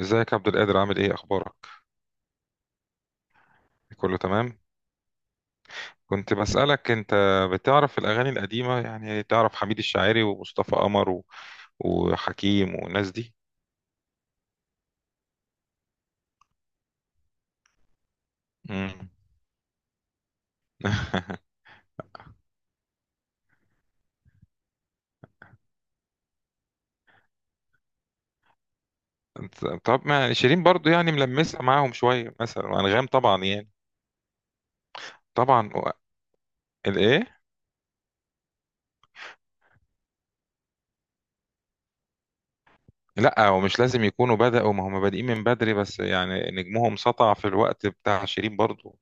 ازيك يا عبد القادر؟ عامل ايه اخبارك؟ كله تمام؟ كنت بسألك، انت بتعرف الاغاني القديمة؟ يعني تعرف حميد الشاعري ومصطفى قمر وحكيم والناس دي؟ مم. طب ما شيرين برضو، يعني ملمسة معاهم شوية مثلا، وانغام طبعا يعني. طبعا. الايه؟ لا، ومش لازم يكونوا بدأوا، ما هم بادئين من بدري، بس يعني نجمهم سطع في الوقت بتاع شيرين برضو.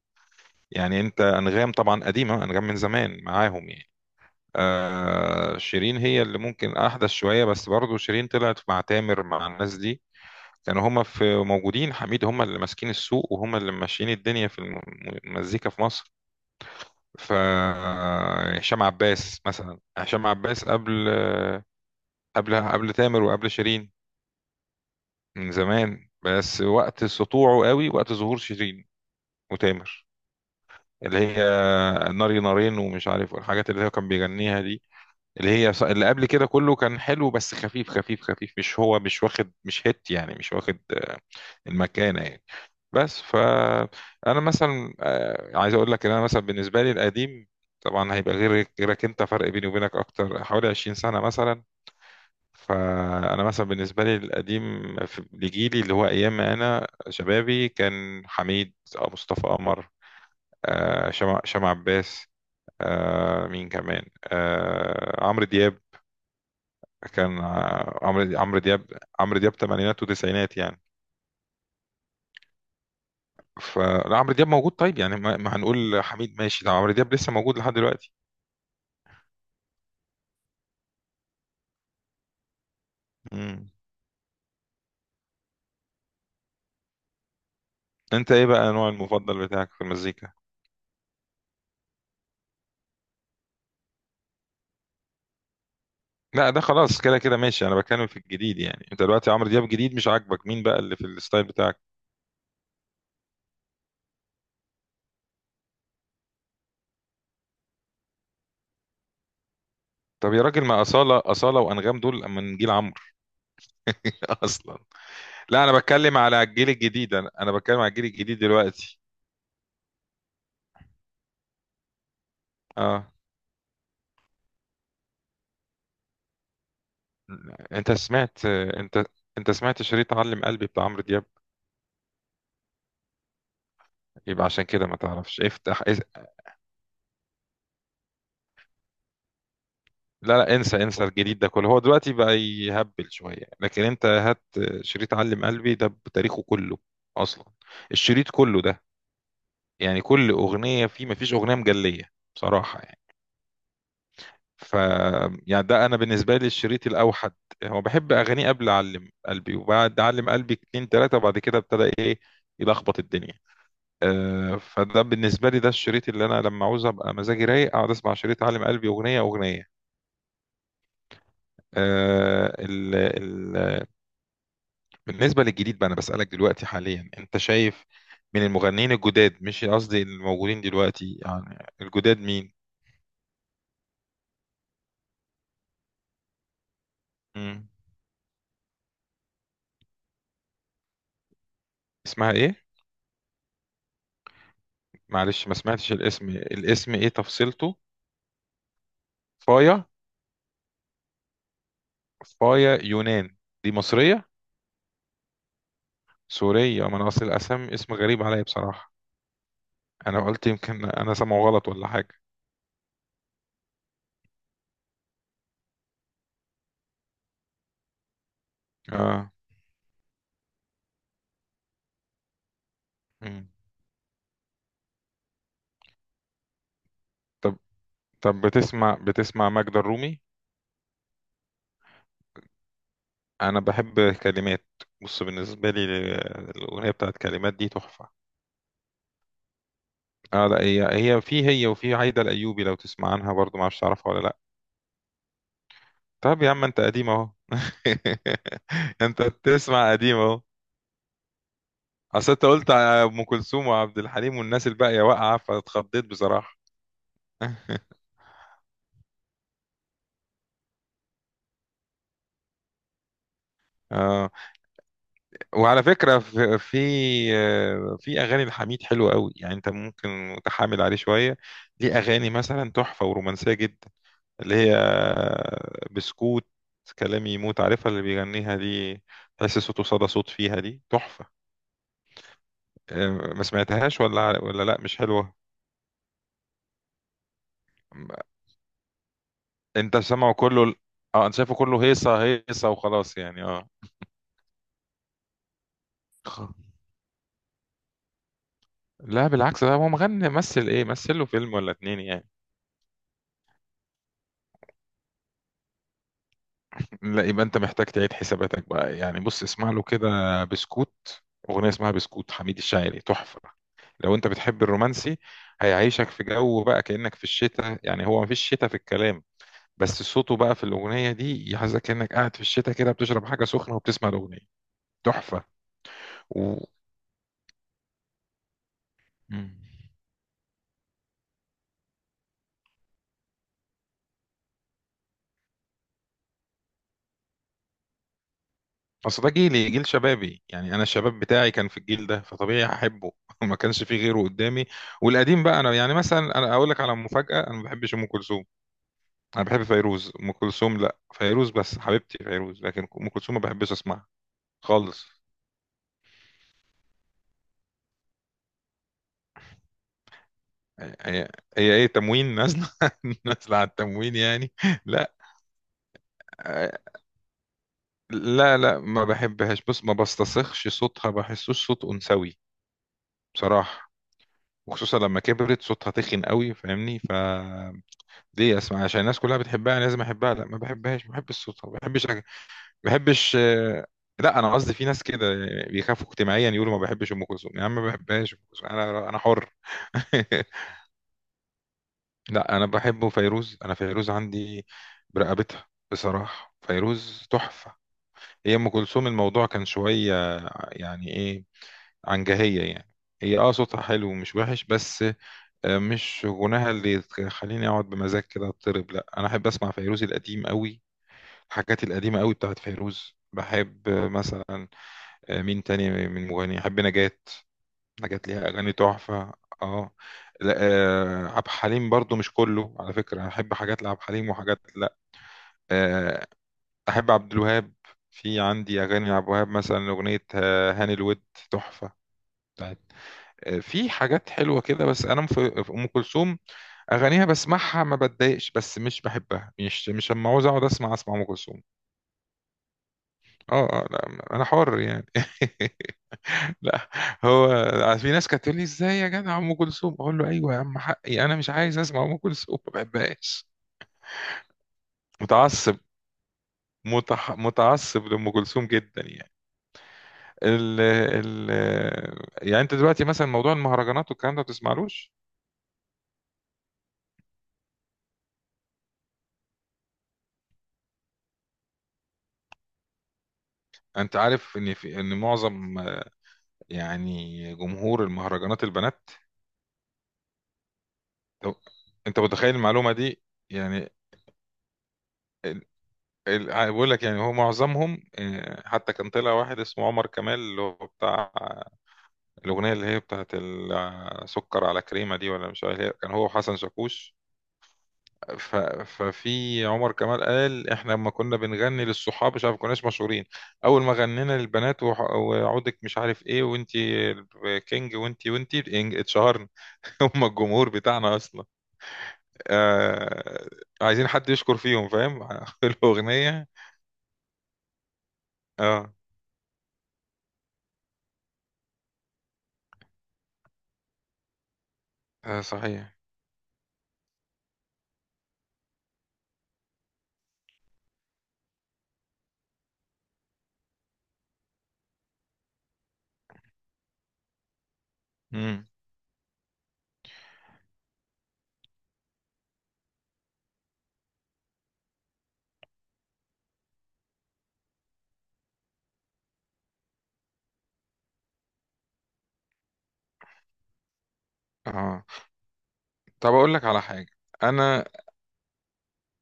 يعني انت، انغام طبعا قديمة، انغام من زمان معاهم يعني. آه شيرين هي اللي ممكن احدث شويه، بس برضو شيرين طلعت مع تامر، مع الناس دي. كانوا هما في، موجودين حميد، هما اللي ماسكين السوق، وهما اللي ماشيين الدنيا في المزيكا في مصر. ف آه، هشام عباس مثلا، هشام عباس قبل قبل تامر وقبل شيرين. من زمان، بس وقت سطوعه قوي وقت ظهور شيرين وتامر. اللي هي ناري نارين ومش عارف، والحاجات اللي هو كان بيغنيها دي. اللي هي اللي قبل كده كله كان حلو، بس خفيف خفيف خفيف، مش هو مش واخد، مش هيت يعني، مش واخد المكانة يعني. بس ف، انا مثلا عايز اقول لك ان انا مثلا بالنسبة لي القديم، طبعا هيبقى غير غيرك، انت فرق بيني وبينك اكتر حوالي 20 سنة مثلا. فانا مثلا بالنسبة لي القديم لجيلي، اللي هو ايام ما انا شبابي، كان حميد، مصطفى قمر، شمع عباس، مين كمان، عمرو دياب. كان عمرو دياب، عمرو دياب تمانينات وتسعينات يعني. فلا، عمرو دياب موجود، طيب يعني ما هنقول حميد ماشي، ده عمرو دياب لسه موجود لحد دلوقتي. مم. انت ايه بقى نوع المفضل بتاعك في المزيكا؟ لا ده خلاص، كده كده ماشي، انا بتكلم في الجديد، يعني انت دلوقتي عمرو دياب جديد مش عاجبك، مين بقى اللي في الستايل بتاعك؟ طب يا راجل، ما أصالة، أصالة وأنغام دول من جيل عمرو. أصلا. لا، أنا بتكلم على الجيل الجديد، أنا بتكلم على الجيل الجديد دلوقتي. أه. أنت سمعت أنت أنت سمعت شريط علم قلبي بتاع عمرو دياب؟ يبقى عشان كده ما تعرفش، افتح لا لا، انسى انسى الجديد ده كله، هو دلوقتي بقى يهبل شوية، لكن انت هات شريط علم قلبي ده بتاريخه كله، اصلا، الشريط كله ده، يعني كل اغنية فيه، ما فيش اغنية مجلية، بصراحة يعني. ف، يعني ده انا بالنسبة لي الشريط الاوحد. هو بحب اغانيه قبل علم قلبي وبعد علم قلبي اتنين تلاتة، وبعد كده ابتدى ايه يلخبط الدنيا. فده بالنسبة لي ده الشريط اللي انا لما عاوز ابقى مزاجي رايق اقعد اسمع شريط علم قلبي اغنية اغنية. آه، ال ال بالنسبة للجديد بقى، أنا بسألك دلوقتي حاليا، أنت شايف من المغنيين الجداد، مش قصدي الموجودين دلوقتي، يعني الجداد، مين؟ مم. اسمها إيه؟ معلش ما سمعتش الاسم إيه تفصيلته؟ فايا. فايا يونان. دي مصرية؟ سورية، ما أنا أصل الأسم، اسم غريب عليا بصراحة. أنا قلت يمكن أنا سامعه غلط ولا حاجة. آه. مم. طب طب، بتسمع ماجدة الرومي؟ انا بحب كلمات، بص، بالنسبه لي الاغنيه بتاعت كلمات دي تحفه. اه لا، هي، هي في، هي وفي عايده الايوبي، لو تسمع عنها برضو، ما اعرفش تعرفها ولا لا. طب يا عم، انت قديم اهو، انت بتسمع قديم اهو. اصل انت قلت على ام كلثوم وعبد الحليم والناس الباقيه واقعه، فاتخضيت بصراحه. اه. وعلى فكره، في اغاني لحميد حلوه قوي، يعني انت ممكن متحامل عليه شويه. ليه اغاني مثلا تحفه ورومانسيه جدا، اللي هي، بسكوت، كلامي يموت، عارفها اللي بيغنيها دي؟ تحس صوته صدى صوت فيها، دي تحفة. ما سمعتهاش، ولا لا مش حلوة؟ انت سامعه كله اه، انا شايفه كله هيصة، هيصة وخلاص يعني، اه. خ- لا بالعكس، ده هو مغني، مثل ايه؟ مثل له فيلم ولا اتنين يعني. لا، يبقى انت محتاج تعيد حساباتك بقى، يعني بص اسمع له كده، بسكوت، اغنية اسمها بسكوت، حميد الشاعري، تحفة. لو انت بتحب الرومانسي، هيعيشك في جو بقى كأنك في الشتاء، يعني هو مفيش شتاء في الكلام، بس صوته بقى في الأغنية دي يحسسك كأنك قاعد في الشتاء كده، بتشرب حاجة سخنة وبتسمع الأغنية، تحفة. و... مم. اصل ده جيلي، جيل شبابي، يعني انا الشباب بتاعي كان في الجيل ده، فطبيعي هحبه. ما كانش فيه غيره قدامي. والقديم بقى، انا يعني مثلا، انا اقول لك على مفاجأة، انا ما بحبش ام كلثوم. انا بحب فيروز، ام كلثوم لا، فيروز بس حبيبتي فيروز، لكن ام كلثوم ما بحبش اسمعها خالص. هي، هي ايه، تموين نازله؟ نازله على التموين يعني. لا لا لا، ما بحبهاش، بص ما بستصخش صوتها، بحسوش صوت انثوي بصراحه. وخصوصا لما كبرت صوتها تخن قوي، فاهمني؟ فليه اسمع عشان الناس كلها بتحبها لازم احبها؟ لا، ما بحبهاش، ما بحبش صوتها، ما بحبش، لا انا قصدي، في ناس كده بيخافوا اجتماعيا يقولوا ما بحبش ام كلثوم، يا عم ما بحبهاش ام كلثوم، انا انا حر. لا، انا بحبه فيروز، انا فيروز عندي برقبتها بصراحه، فيروز تحفه. هي ام كلثوم الموضوع كان شويه، يعني ايه، عنجهيه يعني. هي اه، صوتها حلو ومش وحش، بس مش غناها اللي تخليني اقعد بمزاج كده اضطرب، لا انا احب اسمع فيروز القديم قوي. الحاجات القديمه قوي بتاعت فيروز بحب، مثلا، مين تاني من مغني؟ احب نجاة، حاجات ليها اغاني تحفه. اه. لا عبد الحليم برضو مش كله، على فكره، انا احب حاجات لعبد الحليم وحاجات لا. آه احب عبد الوهاب، في عندي اغاني عبد الوهاب، مثلا اغنيه هاني الود، تحفه، بتاعت، في حاجات حلوه كده، بس انا في ام كلثوم اغانيها بسمعها ما بتضايقش، بس مش بحبها، مش لما عاوز اقعد اسمع ام كلثوم. اه اه، لا انا حر يعني. لا، هو في ناس كانت تقول لي، ازاي يا جدع ام كلثوم؟ اقول له، ايوه يا عم، حقي، انا مش عايز اسمع ام كلثوم، ما بحبهاش. متعصب، متعصب لام كلثوم جدا يعني. ال... ال... يعني انت دلوقتي مثلا، موضوع المهرجانات والكلام ده ما بتسمعلوش؟ انت عارف ان، في ان معظم، يعني جمهور المهرجانات البنات. طب، انت متخيل المعلومه دي؟ يعني، ال... بقول لك، يعني هو معظمهم، حتى كان طلع واحد اسمه عمر كمال، اللي هو بتاع الأغنية اللي هي بتاعت سكر على كريمة دي، ولا مش عارف، كان هو وحسن شاكوش. ف... ففي عمر كمال قال، احنا لما كنا بنغني للصحاب مش عارف، كناش مشهورين. أول ما غنينا للبنات، وعودك مش عارف ايه، وانتي كينج، وانتي، اتشهرنا. هم الجمهور بتاعنا أصلا، آه... عايزين حد يشكر فيهم، فاهم؟ الأغنية. اه، صحيح. مم. اه، طب، أقول لك على حاجة. أنا،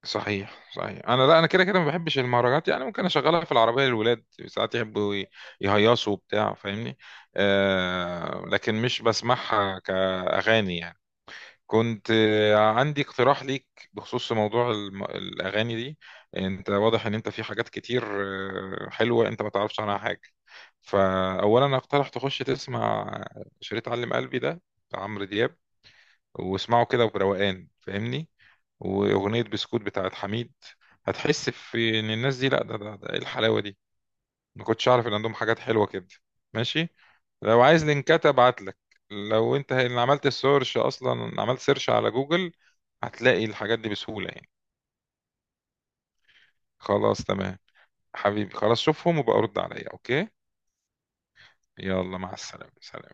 صحيح صحيح، انا لا، انا كده كده ما بحبش المهرجانات، يعني ممكن اشغلها في العربيه للولاد، ساعات يحبوا يهيصوا وبتاع، فاهمني؟ آه لكن مش بسمعها كاغاني يعني. كنت عندي اقتراح ليك، بخصوص موضوع الاغاني دي. انت واضح ان انت في حاجات كتير، حلوه انت ما تعرفش عنها حاجه، فاولا اقترح تخش تسمع شريط علم قلبي ده، بتاع عمرو دياب، واسمعه كده بروقان، فاهمني؟ واغنيه بسكوت بتاعت حميد. هتحس في ان الناس دي، لا ده، ده ايه الحلاوه دي، ما كنتش اعرف ان عندهم حاجات حلوه كده. ماشي، لو عايز لينكات ابعت لك، لو انت اللي عملت السيرش، اصلا عملت سيرش على جوجل هتلاقي الحاجات دي بسهوله يعني. خلاص تمام. حبيبي خلاص، شوفهم وبقى رد عليا، اوكي؟ يلا، مع السلامه، سلام.